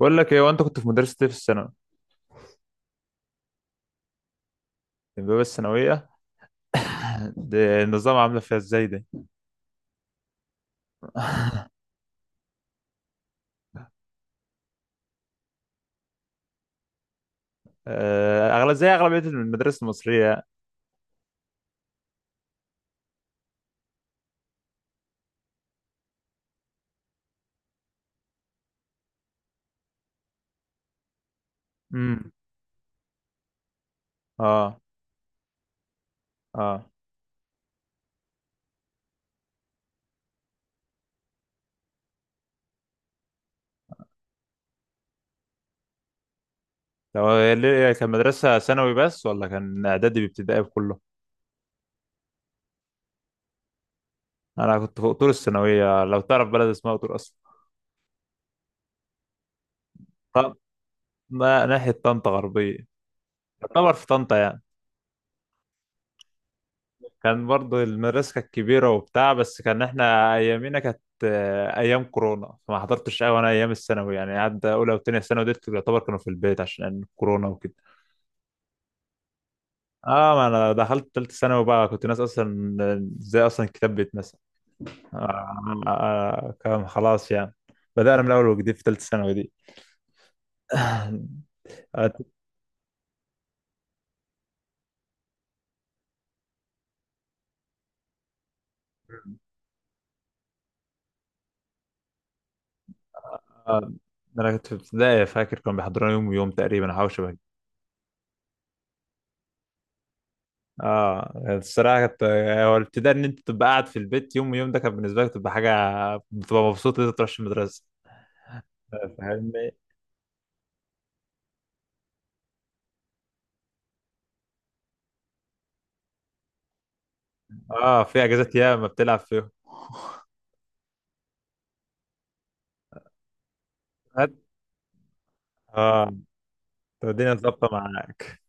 بقول لك ايه وانت كنت في مدرسة ايه في الثانوي البيبقى الثانوية؟ ده النظام عاملة فيها ازاي ده؟ اغلب زي اغلبية المدارس المصرية. امم. اه. اه. طب كان مدرسة ثانوي بس ولا كان اعدادي بابتدائي بكله؟ انا كنت في قطور الثانوية لو تعرف بلد اسمها قطور اصلا. طب ما ناحية طنطا غربية، يعتبر في طنطا يعني. كان برضه المدرسة كانت كبيرة وبتاع، بس كان احنا أيامينا كانت أيام كورونا، فما حضرتش أوي أنا أيام الثانوي يعني، عدى أولى وتانية ثانوي ديت يعتبر كانوا في البيت عشان كورونا وكده. اه ما انا دخلت تالتة ثانوي بقى، كنت ناس اصلا. ازاي اصلا الكتاب بيتمثل؟ كان خلاص يعني. بدأنا من اول وجديد في تالتة ثانوي دي. آه، آه، انا كنت في ابتدائي فاكر كانوا بيحضرونا يوم ويوم تقريبا او حاجه شبه. اه الصراحه كانت، هو الابتداء ان انت تبقى قاعد في البيت يوم يوم ده كان بالنسبه لك تبقى حاجه، بتبقى مبسوط ان انت تروحش المدرسه. فاهمني. اه في اجازات ياما بتلعب فيهم. هات. اه. طب الدنيا اتظبطه معاك.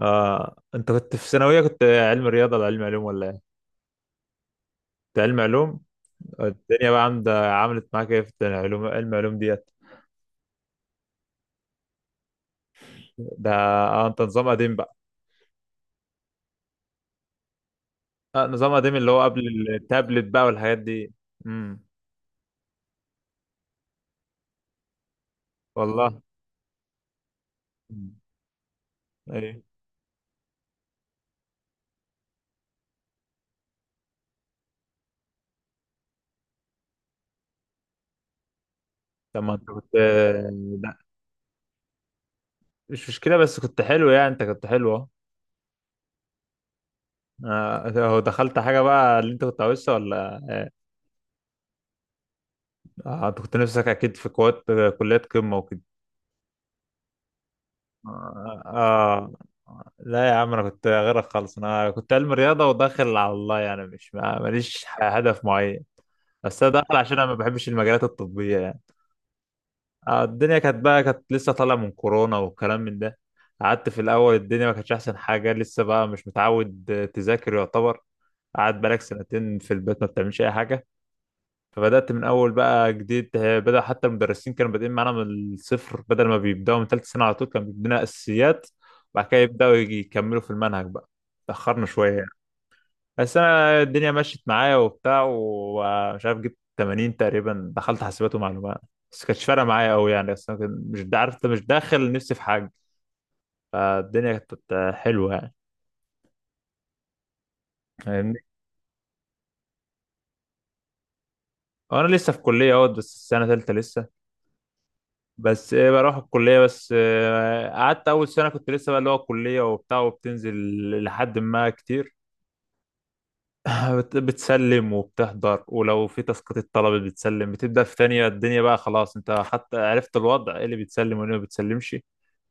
اه انت كنت في ثانويه، كنت علم رياضه ولا علم علوم ولا ايه؟ كنت علم علوم. الدنيا بقى عند عملت معاك ايه في الدنيا علوم علم علوم ديت؟ ده اه انت نظام قديم بقى. آه نظام قديم اللي هو قبل التابلت بقى والحاجات دي. امم. والله. مم. ايه؟ طب ما انت كنت، لا مش مشكلة، بس كنت حلو يعني، انت كنت حلو اهو. هو دخلت حاجة بقى اللي انت كنت عاوزها ولا؟ انت كنت نفسك اكيد في كوات، كليات قمة وكده. آه. آه. لا يا عم انا كنت غيرك خالص، انا كنت علم رياضة وداخل على الله يعني، مش ماليش هدف معين. بس انا داخل عشان انا ما بحبش المجالات الطبية يعني. الدنيا كانت بقى، كانت لسه طالعة من كورونا والكلام من ده. قعدت في الاول الدنيا ما كانتش احسن حاجة، لسه بقى مش متعود تذاكر يعتبر، قعدت بقالك سنتين في البيت ما بتعملش اي حاجه. فبدات من اول بقى جديد، بدا حتى المدرسين كانوا بادئين معانا من الصفر، بدل ما بيبداوا من ثالث سنه على طول كانوا بيدينا اساسيات، وبعد كده يكملوا في المنهج بقى. تاخرنا شويه يعني. بس انا الدنيا مشيت معايا وبتاع، ومش عارف جبت 80 تقريبا، دخلت حاسبات ومعلومات. بس كانتش فارقه معايا قوي يعني، بس أنا كنت- مش دا- عارف انت مش داخل نفسي في حاجه. فالدنيا كانت حلوه يعني. فاهمني. وانا لسه في كليه اهوت بس، سنه ثالثه لسه. بس ايه، بروح الكلية بس، قعدت أول سنة كنت لسه بقى اللي هو الكلية وبتاع، وبتنزل لحد ما كتير. بتسلم وبتحضر، ولو في تسقيط الطلبة بتسلم، بتبدأ في تانية الدنيا بقى خلاص، انت حتى عرفت الوضع ايه اللي بتسلم وايه اللي ما بتسلمش،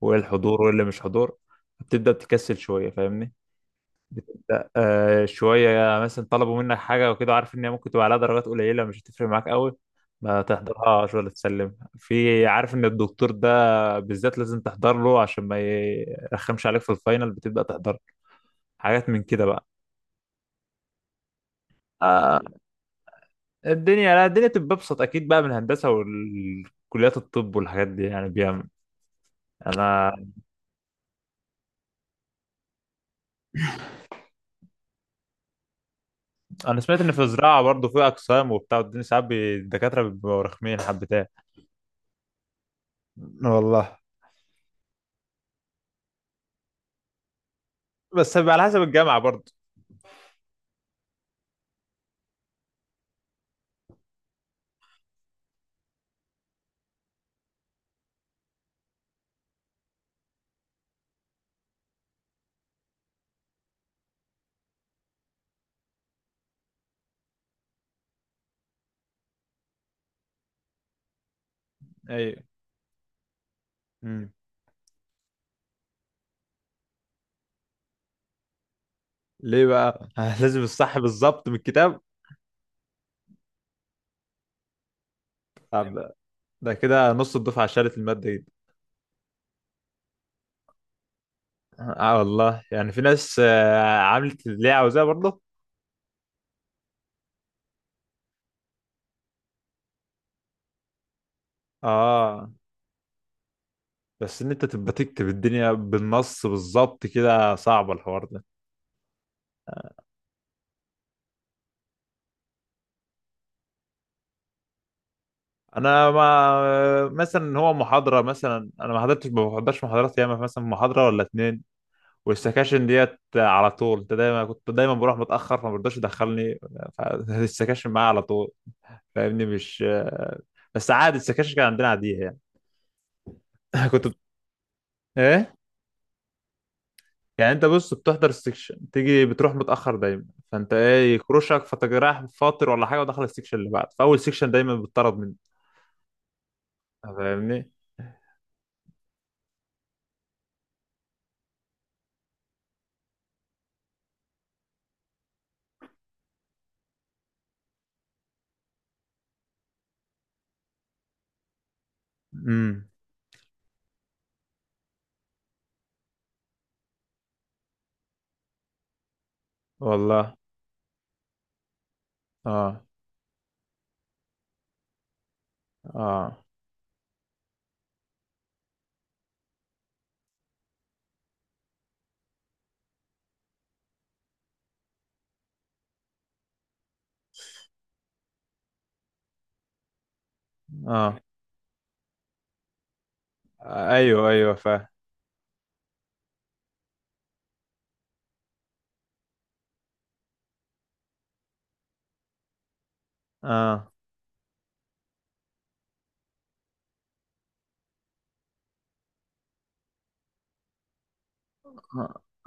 وايه الحضور وايه اللي مش حضور. بتبدأ تكسل شوية. فاهمني. لا شوية مثلا طلبوا منك حاجة وكده، عارف إن هي ممكن تبقى عليها درجات قليلة مش هتفرق معاك أوي، ما تحضرهاش ولا تسلم في. عارف إن الدكتور ده بالذات لازم تحضر له عشان ما يرخمش عليك في الفاينل، بتبدأ تحضر حاجات من كده بقى. آه. الدنيا، لا الدنيا تبقى أبسط أكيد بقى من الهندسة والكليات الطب والحاجات دي يعني، بيعمل. أنا أنا سمعت إن في زراعة برضه في أقسام وبتاع، والدنيا ساعات الدكاترة بيبقوا رخمين حبتين. والله. بس بيبقى على حسب الجامعة برضه. أيوه. مم. ليه بقى؟ لازم الصح بالظبط من الكتاب. طب ده كده نص الدفعة شالت المادة دي. اه والله يعني، في ناس عملت اللي هي عاوزاه برضه. اه بس ان انت تبقى تكتب الدنيا بالنص بالظبط كده، صعب الحوار ده. انا ما مثلا، هو محاضرة مثلا انا ما حضرتش، ما بحضرش محاضرات ياما، مثلا محاضرة ولا اتنين. والسكاشن ديت على طول انت دايما، كنت دايما بروح متأخر فما برضاش يدخلني، فالسكاشن معايا على طول. فاهمني مش. بس عادي السكاشن كان عندنا عاديه يعني. كنت بت- ايه يعني، انت بص بتحضر السكشن تيجي بتروح متاخر دايما، فانت ايه يكروشك فتجرح فاطر ولا حاجه، ودخل السكشن اللي بعد، فاول سكشن دايما بتطرد منه. فاهمني. امم. والله. اه اه اه. ايوه ايوه فاهم. اه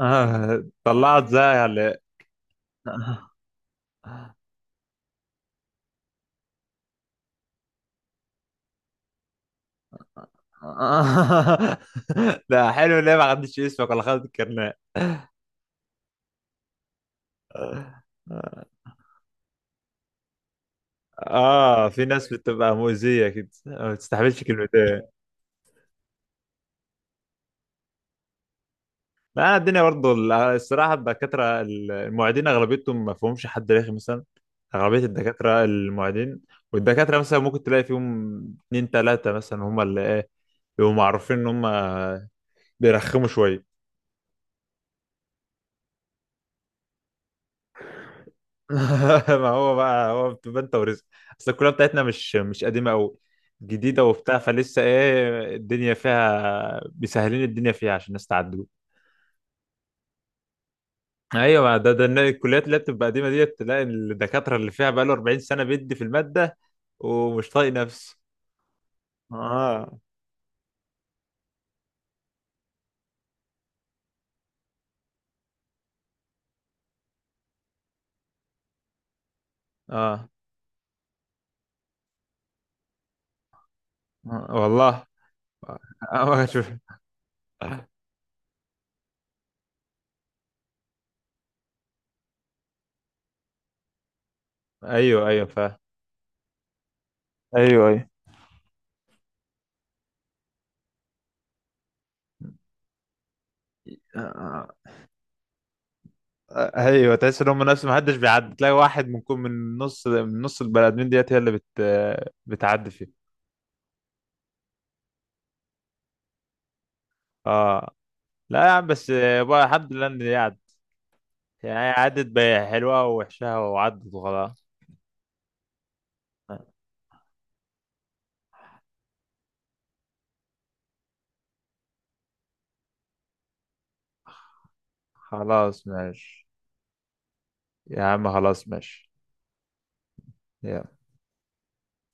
اه. طلعت زي على. لا حلو، ليه ما خدتش اسمك ولا خدت الكرنيه؟ اه في ناس بتبقى مؤذيه كده، ما بتستحملش كلمتين. لا الدنيا برضه الصراحه الدكاتره المعيدين اغلبيتهم ما فيهمش حد رخي مثلا، اغلبيه الدكاتره المعيدين. والدكاتره مثلا ممكن تلاقي فيهم اتنين تلاته مثلا، هم اللي ايه، بيبقوا معروفين ان هم بيرخموا شويه. ما هو بقى هو بتبقى انت ورزق. اصل الكليه بتاعتنا مش قديمه قوي، جديده وبتاع، فلسه ايه الدنيا فيها مسهلين الدنيا فيها عشان الناس تعدي. ايوه ما ده إن الكليات اللي بتبقى قديمه ديت تلاقي الدكاتره اللي فيها بقاله 40 سنه بيدي في الماده ومش طايق نفسه. اه. اه. والله. ما كنتش بشوف. ايوه ايوه فاهم. ايوه ايوه. آه، ايوه تحس ان هم نفس، ما حدش بيعدي، تلاقي واحد من كل، من نص، من نص البني ادمين ديت هي اللي بت، بتعدي فيه. اه لا يا عم، بس بقى الحمد لله ان هي عدت. يعني عدت بحلوها ووحشها وعدت وخلاص. آه، خلاص ماشي. يا عم خلاص ماشي. يلا.